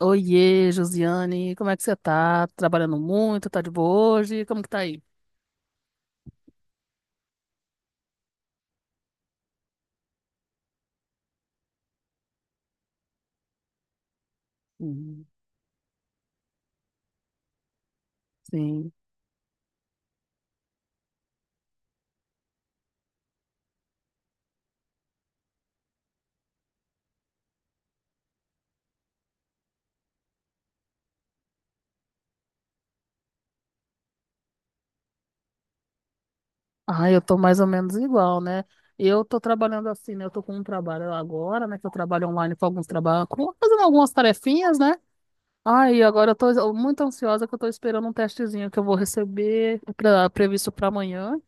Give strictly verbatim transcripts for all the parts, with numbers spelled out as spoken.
Oiê, Josiane, como é que você tá? Trabalhando muito, tá de boa hoje? Como que tá aí? Uhum. Sim. Ah, eu tô mais ou menos igual, né? Eu tô trabalhando assim, né? Eu tô com um trabalho agora, né? Que eu trabalho online com alguns trabalhos, com- fazendo algumas tarefinhas, né? Aí agora eu tô muito ansiosa que eu tô esperando um testezinho que eu vou receber pra, previsto para amanhã,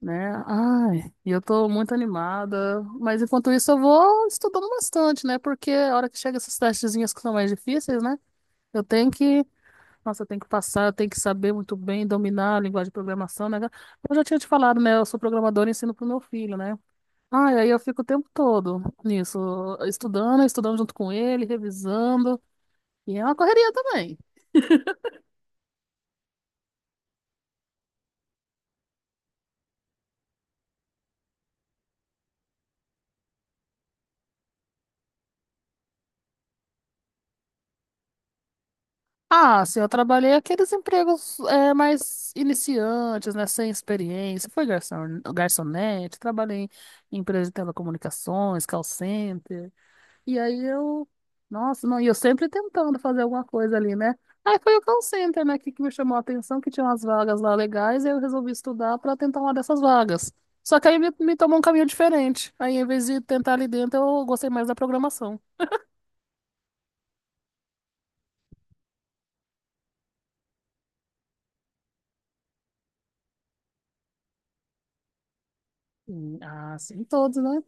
né? Ai, e eu tô muito animada. Mas enquanto isso eu vou estudando bastante, né? Porque a hora que chega esses testezinhos que são mais difíceis, né? Eu tenho que, nossa, eu tenho que passar, eu tenho que saber muito bem, dominar a linguagem de programação, né? Eu já tinha te falado, né? Eu sou programadora e ensino pro meu filho, né? Ah, e aí eu fico o tempo todo nisso, estudando, estudando junto com ele, revisando, e é uma correria também. Ah, sim, eu trabalhei aqueles empregos é, mais iniciantes, né? Sem experiência. Foi garçon, garçonete, trabalhei em empresa de telecomunicações, call center. E aí eu, nossa, não, e eu sempre tentando fazer alguma coisa ali, né? Aí foi o call center, né, que, que me chamou a atenção, que tinha umas vagas lá legais, e eu resolvi estudar para tentar uma dessas vagas. Só que aí me, me tomou um caminho diferente. Aí, em vez de tentar ali dentro, eu gostei mais da programação. Hum. Ah, sim, todos, né?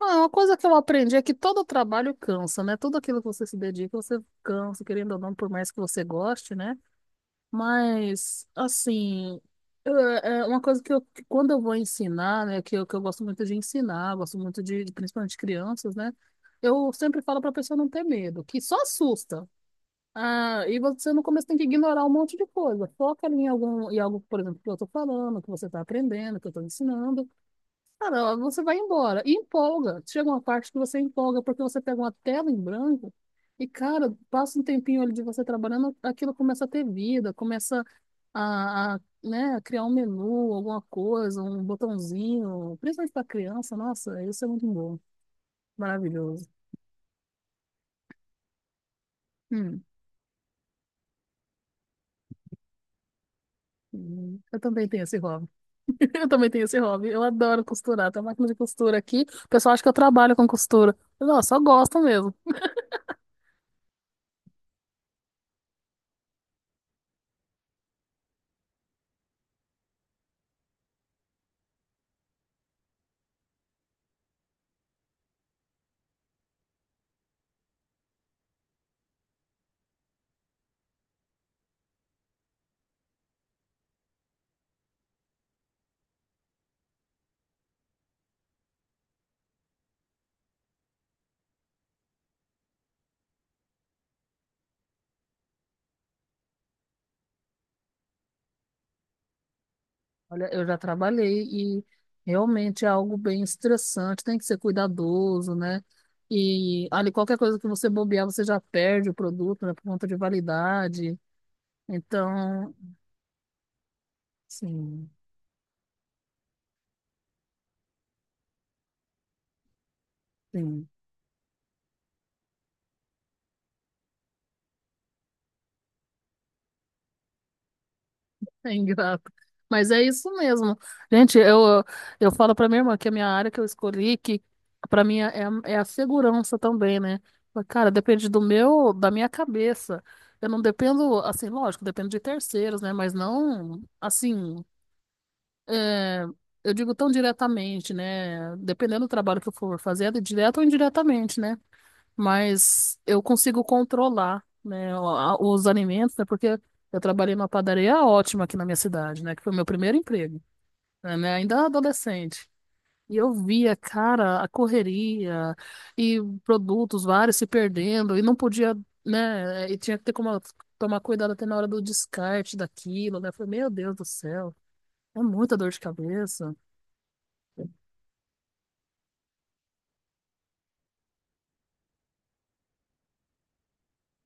Ah, uma coisa que eu aprendi é que todo trabalho cansa, né? Tudo aquilo que você se dedica, você cansa, querendo ou não, por mais que você goste, né? Mas, assim, eu- é é uma coisa que, eu, que quando eu vou ensinar, né, que eu, que eu gosto muito de ensinar, gosto muito de, de- principalmente crianças, né, eu sempre falo para a pessoa não ter medo, que só assusta. Ah, e você no começo tem que ignorar um monte de coisa. Foca ali em algum, em algo, por exemplo, que eu estou falando, que você está aprendendo, que eu estou ensinando. Cara, você vai embora e empolga. Chega uma parte que você empolga porque você pega uma tela em branco e, cara, passa um tempinho ali de você trabalhando, aquilo começa a ter vida, começa a, a, né, a criar um menu, alguma coisa, um botãozinho, principalmente para criança. Nossa, isso é muito bom, maravilhoso. Hum, hum. Eu também tenho esse hobby. Eu também tenho esse hobby. Eu adoro costurar. Tem uma máquina de costura aqui. O pessoal acha que eu trabalho com costura. Nossa, só gosto mesmo. Olha, eu já trabalhei e realmente é algo bem estressante, tem que ser cuidadoso, né? E ali qualquer coisa que você bobear, você já perde o produto, né, por conta de validade. Então, sim, sim, é ingrato. Mas é isso mesmo. Gente, eu, eu falo para minha irmã que a minha área que eu escolhi, que para mim é, é a segurança também, né? Mas, cara, depende do meu, da minha cabeça. Eu não dependo, assim, lógico, dependo de terceiros, né? Mas não, assim. É, eu digo tão diretamente, né? Dependendo do trabalho que eu for fazer, é direto ou indiretamente, né? Mas eu consigo controlar, né, o- a- os alimentos, né? Porque eu trabalhei numa padaria ótima aqui na minha cidade, né? Que foi o meu primeiro emprego, né? Né, ainda adolescente. E eu via, cara, a correria e produtos vários se perdendo e não podia, né? E tinha que ter como tomar cuidado até na hora do descarte daquilo, né? Eu falei, meu Deus do céu, é muita dor de cabeça.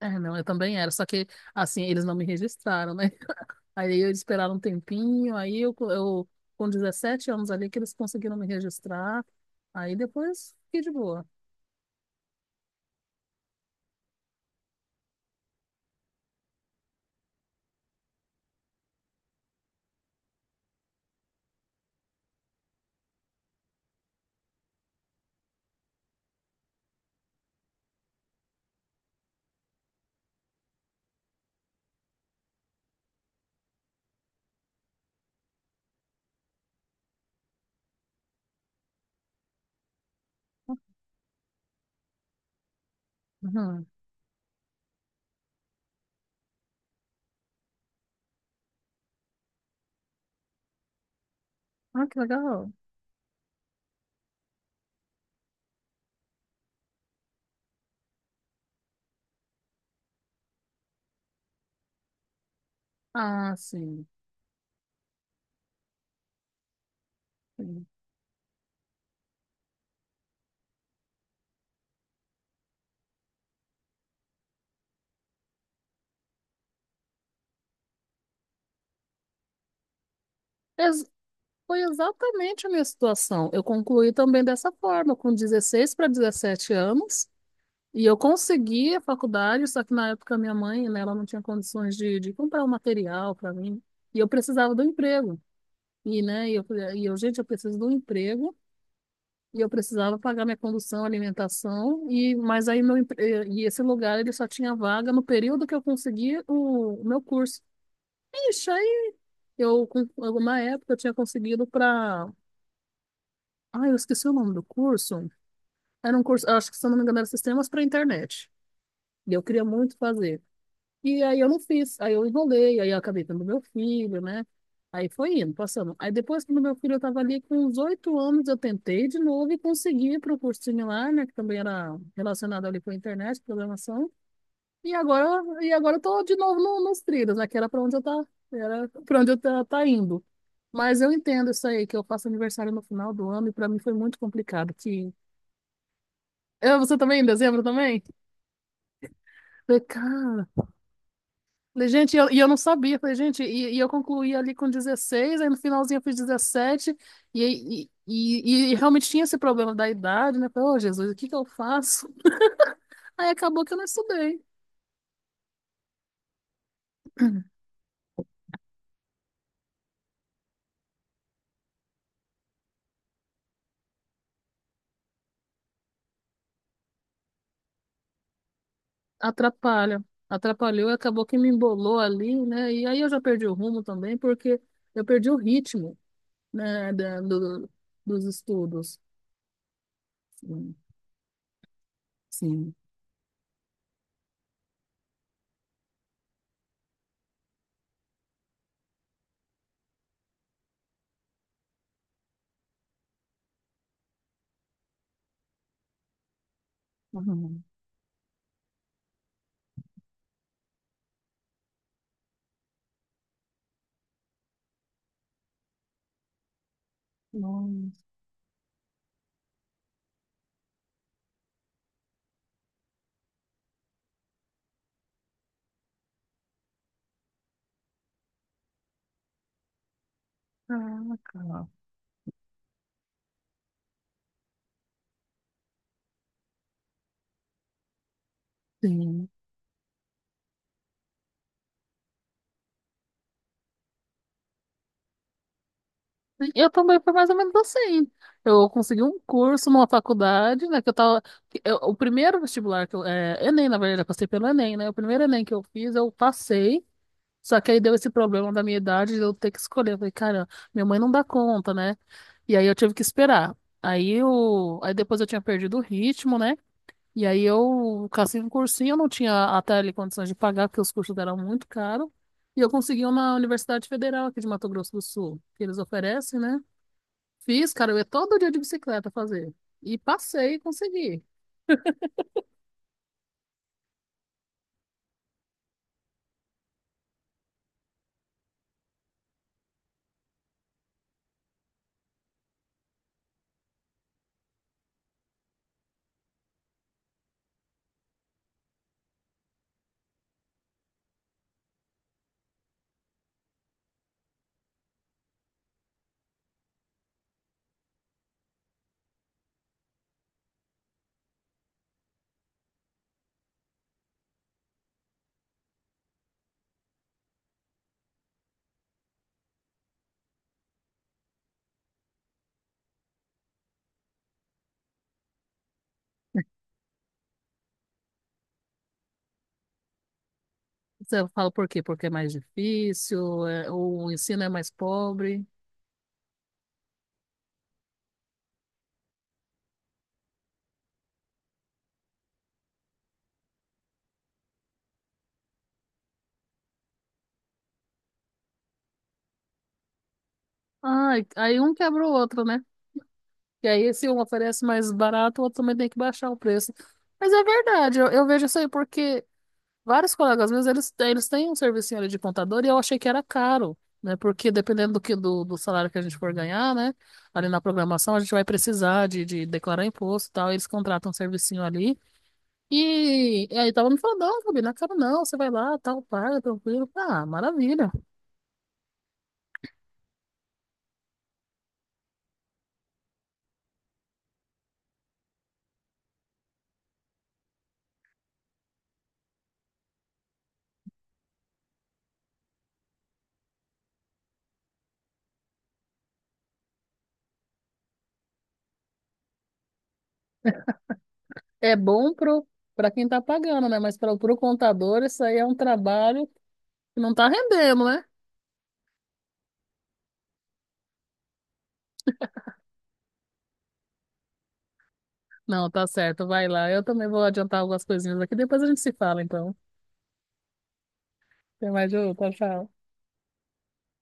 É, não, eu também era, só que assim, eles não me registraram, né? Aí eu esperaram um tempinho, aí eu, eu com dezessete anos ali que eles conseguiram me registrar, aí depois fiquei de boa. Uhum. Ah, que legal. Ah, sim. Sim. Ex- foi exatamente a minha situação. Eu concluí também dessa forma, com dezesseis para dezessete anos, e eu consegui a faculdade, só que na época minha mãe, né, ela não tinha condições de, de comprar o material para mim, e eu precisava do emprego. E, né, e eu, e eu, gente, eu preciso de um emprego e eu precisava pagar minha condução, alimentação, e mas aí meu, empre- e e esse lugar ele só tinha vaga no período que eu consegui o, o meu curso. Ixi, aí eu, com alguma época, eu tinha conseguido para. Ai, eu esqueci o nome do curso. Era um curso, acho que se eu não me engano, era Sistemas para Internet. E eu queria muito fazer. E aí eu não fiz, aí eu enrolei, aí eu acabei tendo meu filho, né? Aí foi indo, passando. Aí depois que meu filho estava ali com uns oito anos, eu tentei de novo e consegui para um curso similar, né? Que também era relacionado ali com a internet, programação. E agora, e agora eu tô de novo no, nos trilhos, né? Que era para onde eu tá, era para onde eu tá, tá indo. Mas eu entendo isso aí, que eu faço aniversário no final do ano e para mim foi muito complicado que... Ah, você também, em dezembro também? Falei, cara, falei, gente, e eu, e eu não sabia. Falei, gente, e, e eu concluí ali com dezesseis, aí no finalzinho eu fiz dezessete, e, e, e, e realmente tinha esse problema da idade, né? Falei, ô Jesus, o que que eu faço? Aí acabou que eu não estudei. Atrapalha. Atrapalhou, e acabou que me embolou ali, né? E aí eu já perdi o rumo também, porque eu perdi o ritmo, né, da- do, dos estudos. Sim. Sim. Uhum. Nossa, caraca. Sim. Eu também foi mais ou menos assim. Eu consegui um curso numa faculdade, né, que eu tava... que eu- o primeiro vestibular que eu... É, Enem, na verdade, eu passei pelo Enem, né? O primeiro Enem que eu fiz, eu passei, só que aí deu esse problema da minha idade de eu ter que escolher. Eu falei, cara, minha mãe não dá conta, né? E aí eu tive que esperar. Aí eu... Aí depois eu tinha perdido o ritmo, né? E aí eu cassei um cursinho, eu não tinha até ali condições de pagar, porque os cursos eram muito caros. E eu consegui um na Universidade Federal aqui de Mato Grosso do Sul, que eles oferecem, né? Fiz, cara, eu ia todo dia de bicicleta fazer. E passei e consegui. Você fala por quê? Porque é mais difícil, é- o ensino é mais pobre. Ai, aí um quebra o outro, né? E aí se um oferece mais barato, o outro também tem que baixar o preço. Mas é verdade, eu, eu vejo isso aí porque vários colegas meus, eles, têm- eles têm um serviço ali de contador e eu achei que era caro, né? Porque dependendo do que do, do salário que a gente for ganhar, né? Ali na programação, a gente vai precisar de, de declarar imposto e tal. Eles contratam um servicinho ali. E, e aí tava me falando, não, Fabi, não quero não, você vai lá, tal, paga, tranquilo. Ah, maravilha. É bom pro, pra quem tá pagando, né? Mas para pro contador, isso aí é um trabalho que não tá rendendo, né? Não, tá certo, vai lá. Eu também vou adiantar algumas coisinhas aqui, depois a gente se fala, então. Até mais, Ju, tchau, tchau.